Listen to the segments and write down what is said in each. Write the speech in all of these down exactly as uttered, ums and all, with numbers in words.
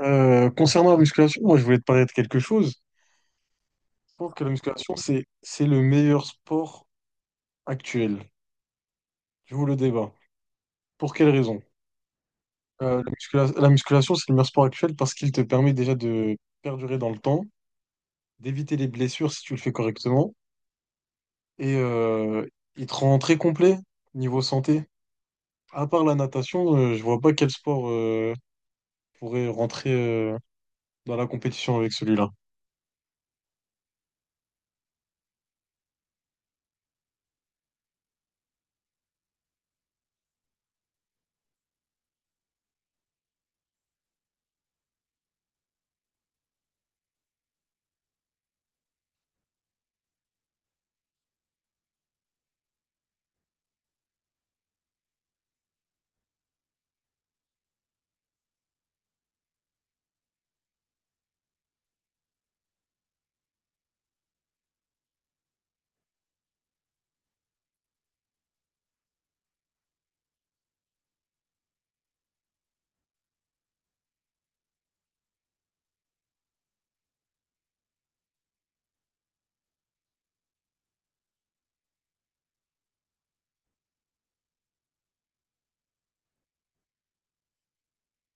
Euh, concernant la musculation, moi je voulais te parler de quelque chose. Je pense que la musculation, c'est c'est le meilleur sport actuel. Je vous le débat. Pour quelle raison? Euh, la muscula- la musculation, c'est le meilleur sport actuel parce qu'il te permet déjà de perdurer dans le temps, d'éviter les blessures si tu le fais correctement, et euh, il te rend très complet niveau santé. À part la natation, euh, je vois pas quel sport euh, pourrait rentrer euh, dans la compétition avec celui-là.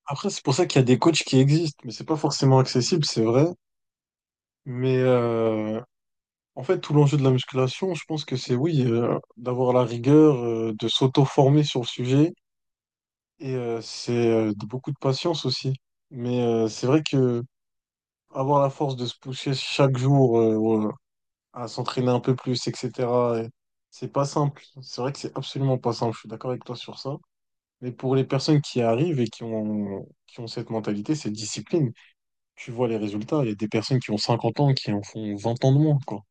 Après, c'est pour ça qu'il y a des coachs qui existent, mais c'est pas forcément accessible, c'est vrai. Mais euh, en fait, tout l'enjeu de la musculation, je pense que c'est oui, euh, d'avoir la rigueur, euh, de s'auto-former sur le sujet, et euh, c'est euh, de beaucoup de patience aussi. Mais euh, c'est vrai que avoir la force de se pousser chaque jour euh, euh, à s'entraîner un peu plus, et cetera, et c'est pas simple. C'est vrai que c'est absolument pas simple. Je suis d'accord avec toi sur ça. Mais pour les personnes qui arrivent et qui ont, qui ont cette mentalité, c'est discipline. Tu vois les résultats. Il y a des personnes qui ont 50 ans qui en font 20 ans de moins, quoi.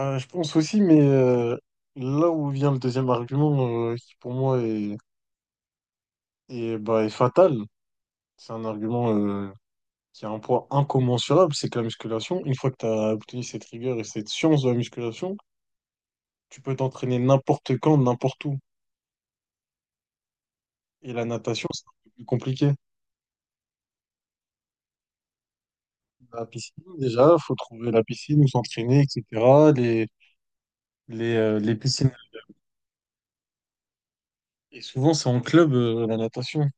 Euh, je pense aussi, mais euh, là où vient le deuxième argument, euh, qui pour moi est, est, bah, est fatal, c'est un argument euh, qui a un poids incommensurable, c'est que la musculation, une fois que tu as obtenu cette rigueur et cette science de la musculation, tu peux t'entraîner n'importe quand, n'importe où. Et la natation, c'est un peu plus compliqué. La piscine, déjà, faut trouver la piscine où s'entraîner, et cetera. Les, les, euh, les piscines. Et souvent, c'est en club, euh, la natation.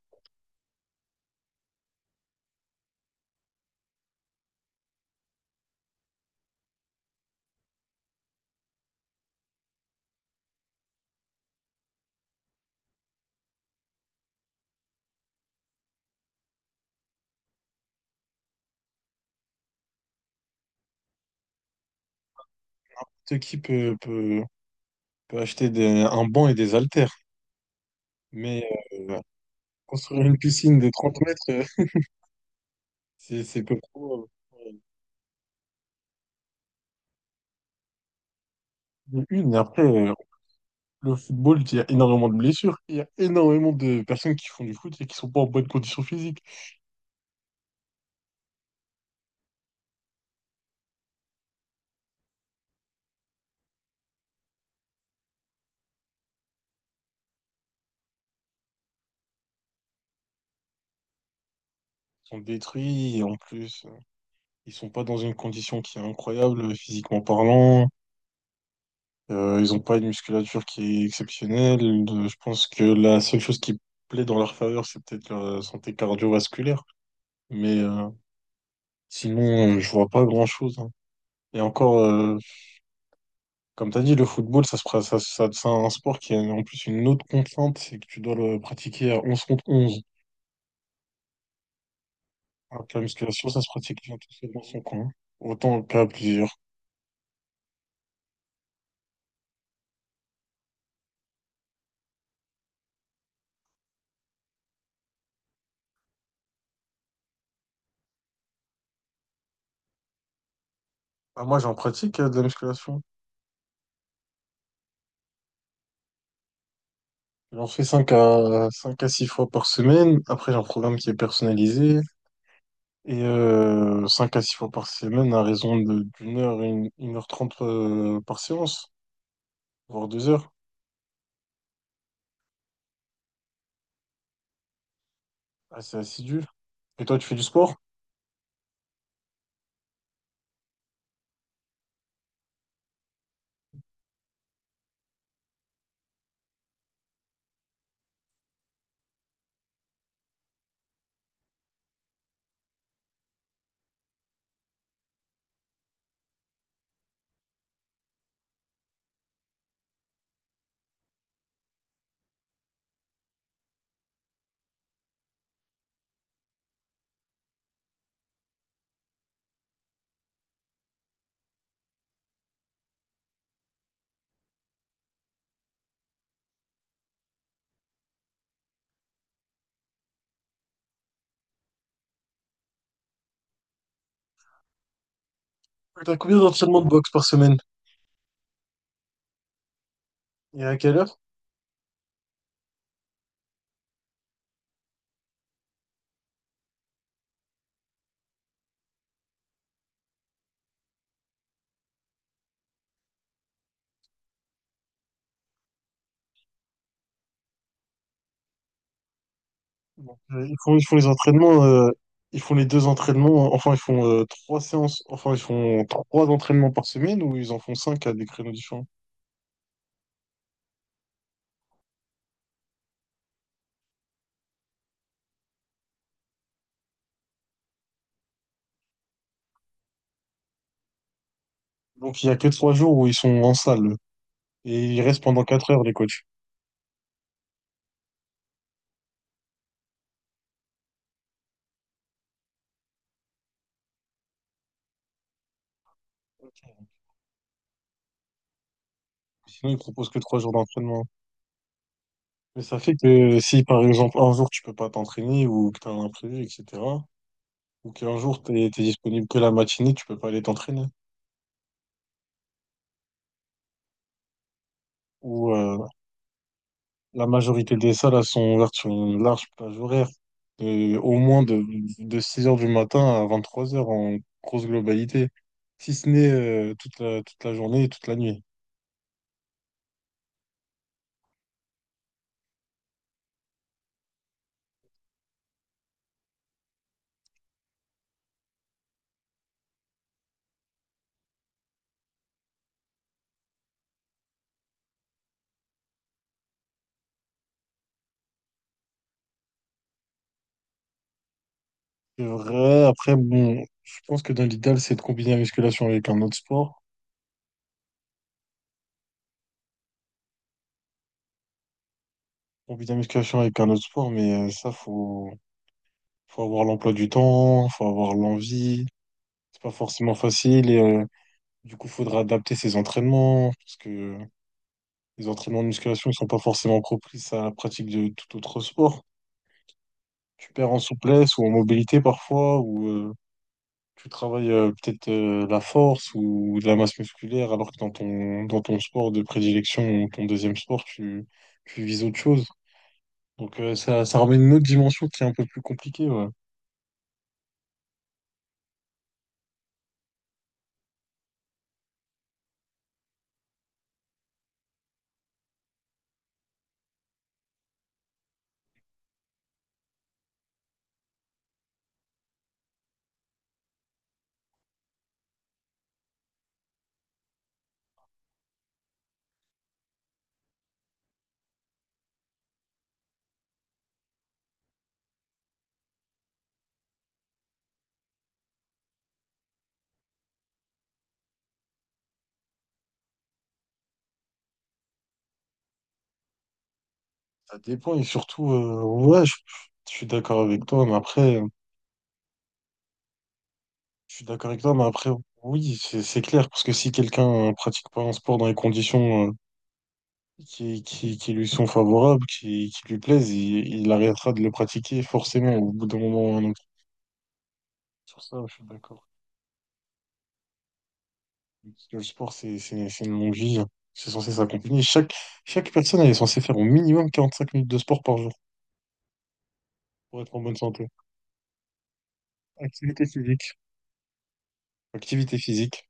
N'importe qui peut, peut, peut acheter des- un banc et des haltères, mais euh, construire une piscine de trente mètres, euh, c'est c'est peu probable. De une, et après, euh, le football, il y a énormément de blessures. Il y a énormément de personnes qui font du foot et qui sont pas en bonne condition physique. Ils sont détruits, et en plus, euh, ils sont pas dans une condition qui est incroyable euh, physiquement parlant. Euh, ils ont pas une musculature qui est exceptionnelle. De- je pense que la seule chose qui plaît dans leur faveur, c'est peut-être leur euh, santé cardiovasculaire. Mais euh, Sinon, euh, je vois pas grand-chose, hein. Et encore, euh, comme tu as dit, le football, ça se, pra- ça, ça- c'est un sport qui a en plus une autre contrainte, c'est que tu dois le pratiquer à onze contre onze. Alors que la musculation, ça se pratique bien tout seul dans son coin, autant qu'à plusieurs. Ah, moi, j'en pratique euh, de la musculation. J'en fais cinq à, cinq à six fois par semaine. Après, j'ai un programme qui est personnalisé. Et euh, cinq à six fois par semaine, à raison de- d'une heure, une, une heure trente euh, par séance, voire deux heures. Assez assidu. Et toi, tu fais du sport? T'as combien d'entraînements de boxe par semaine? Et à quelle heure? Bon, euh, ils font, ils font les entraînements, euh, ils font les deux entraînements, euh, enfin ils font euh, trois séances, enfin ils font trois entraînements par semaine ou ils en font cinq à des créneaux différents. Donc il y a que trois jours où ils sont en salle et ils restent pendant quatre heures les coachs. Sinon ils proposent que trois jours d'entraînement. Mais ça fait que euh, si par exemple un jour tu peux pas t'entraîner ou que t'as un imprévu, et cetera. Ou qu'un jour t'es, t'es disponible que la matinée, tu peux pas aller t'entraîner. Ou euh, la majorité des salles, elles sont ouvertes sur une large plage horaire, de- au moins de, de six heures du matin à vingt-trois heures en grosse globalité, si ce n'est euh, toute la, toute la journée et toute la nuit. C'est vrai, après, bon, je pense que dans l'idéal, c'est de combiner la musculation avec un autre sport. Combiner la musculation avec un autre sport, mais euh, ça, faut, faut avoir l'emploi du temps, faut avoir l'envie. C'est pas forcément facile et euh, du coup, faudra adapter ses entraînements parce que les entraînements de musculation ne sont pas forcément propices à la pratique de tout autre sport. Tu perds en souplesse ou en mobilité parfois, ou euh, tu travailles euh, peut-être euh, la force ou de la masse musculaire, alors que dans ton, dans ton sport de prédilection ou ton deuxième sport, tu, tu vises autre chose. Donc euh, ça, ça ramène une autre dimension qui est un peu plus compliquée, ouais. Ça dépend et surtout, euh, ouais, je, je suis d'accord avec toi, mais après, je suis d'accord avec toi, mais après, oui, c'est c'est clair, parce que si quelqu'un euh, pratique pas un sport dans les conditions qui, qui, qui lui sont favorables, qui, qui lui plaisent, il, il arrêtera de le pratiquer forcément au bout d'un moment ou un autre. Sur ça, je suis d'accord. Parce que le sport, c'est c'est- c'est une longue vie, hein. C'est censé s'accompagner. Chaque, chaque personne, elle est censée faire au minimum quarante-cinq minutes de sport par jour pour être en bonne santé. Activité physique. Activité physique.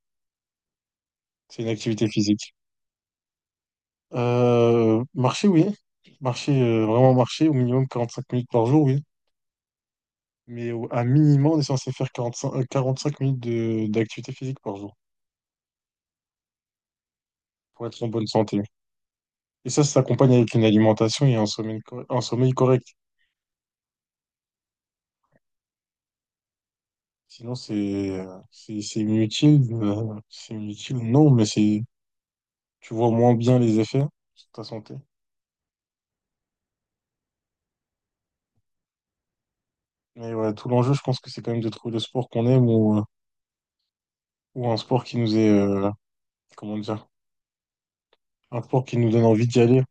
C'est une activité physique. Euh, marcher, oui. Marcher, euh, vraiment marcher, au minimum quarante-cinq minutes par jour, oui. Mais au- à minimum, on est censé faire quarante-cinq, euh, quarante-cinq minutes de, d'activité physique par jour. Pour être en bonne santé. Et ça, ça s'accompagne avec une alimentation et un sommeil, cor- un sommeil correct. Sinon, c'est euh, c'est c'est inutile. Euh, c'est inutile, non, mais c'est tu vois moins bien les effets sur ta santé. Mais ouais, tout l'enjeu, je pense que c'est quand même de trouver le sport qu'on aime ou, euh, ou un sport qui nous est, euh, comment dire, un sport qui nous donne envie d'y aller.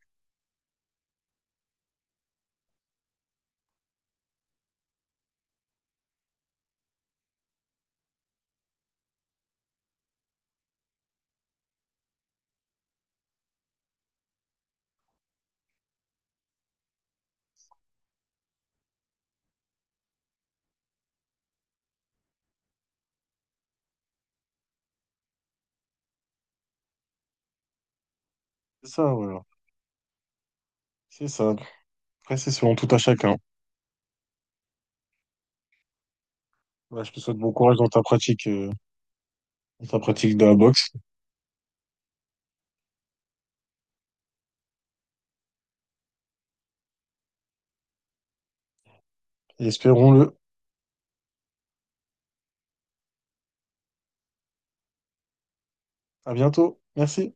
C'est ça, voilà. C'est ça. Après, c'est selon tout à chacun. Voilà, je te souhaite bon courage dans ta pratique, euh, dans ta pratique de la boxe. Et espérons-le. À bientôt. Merci.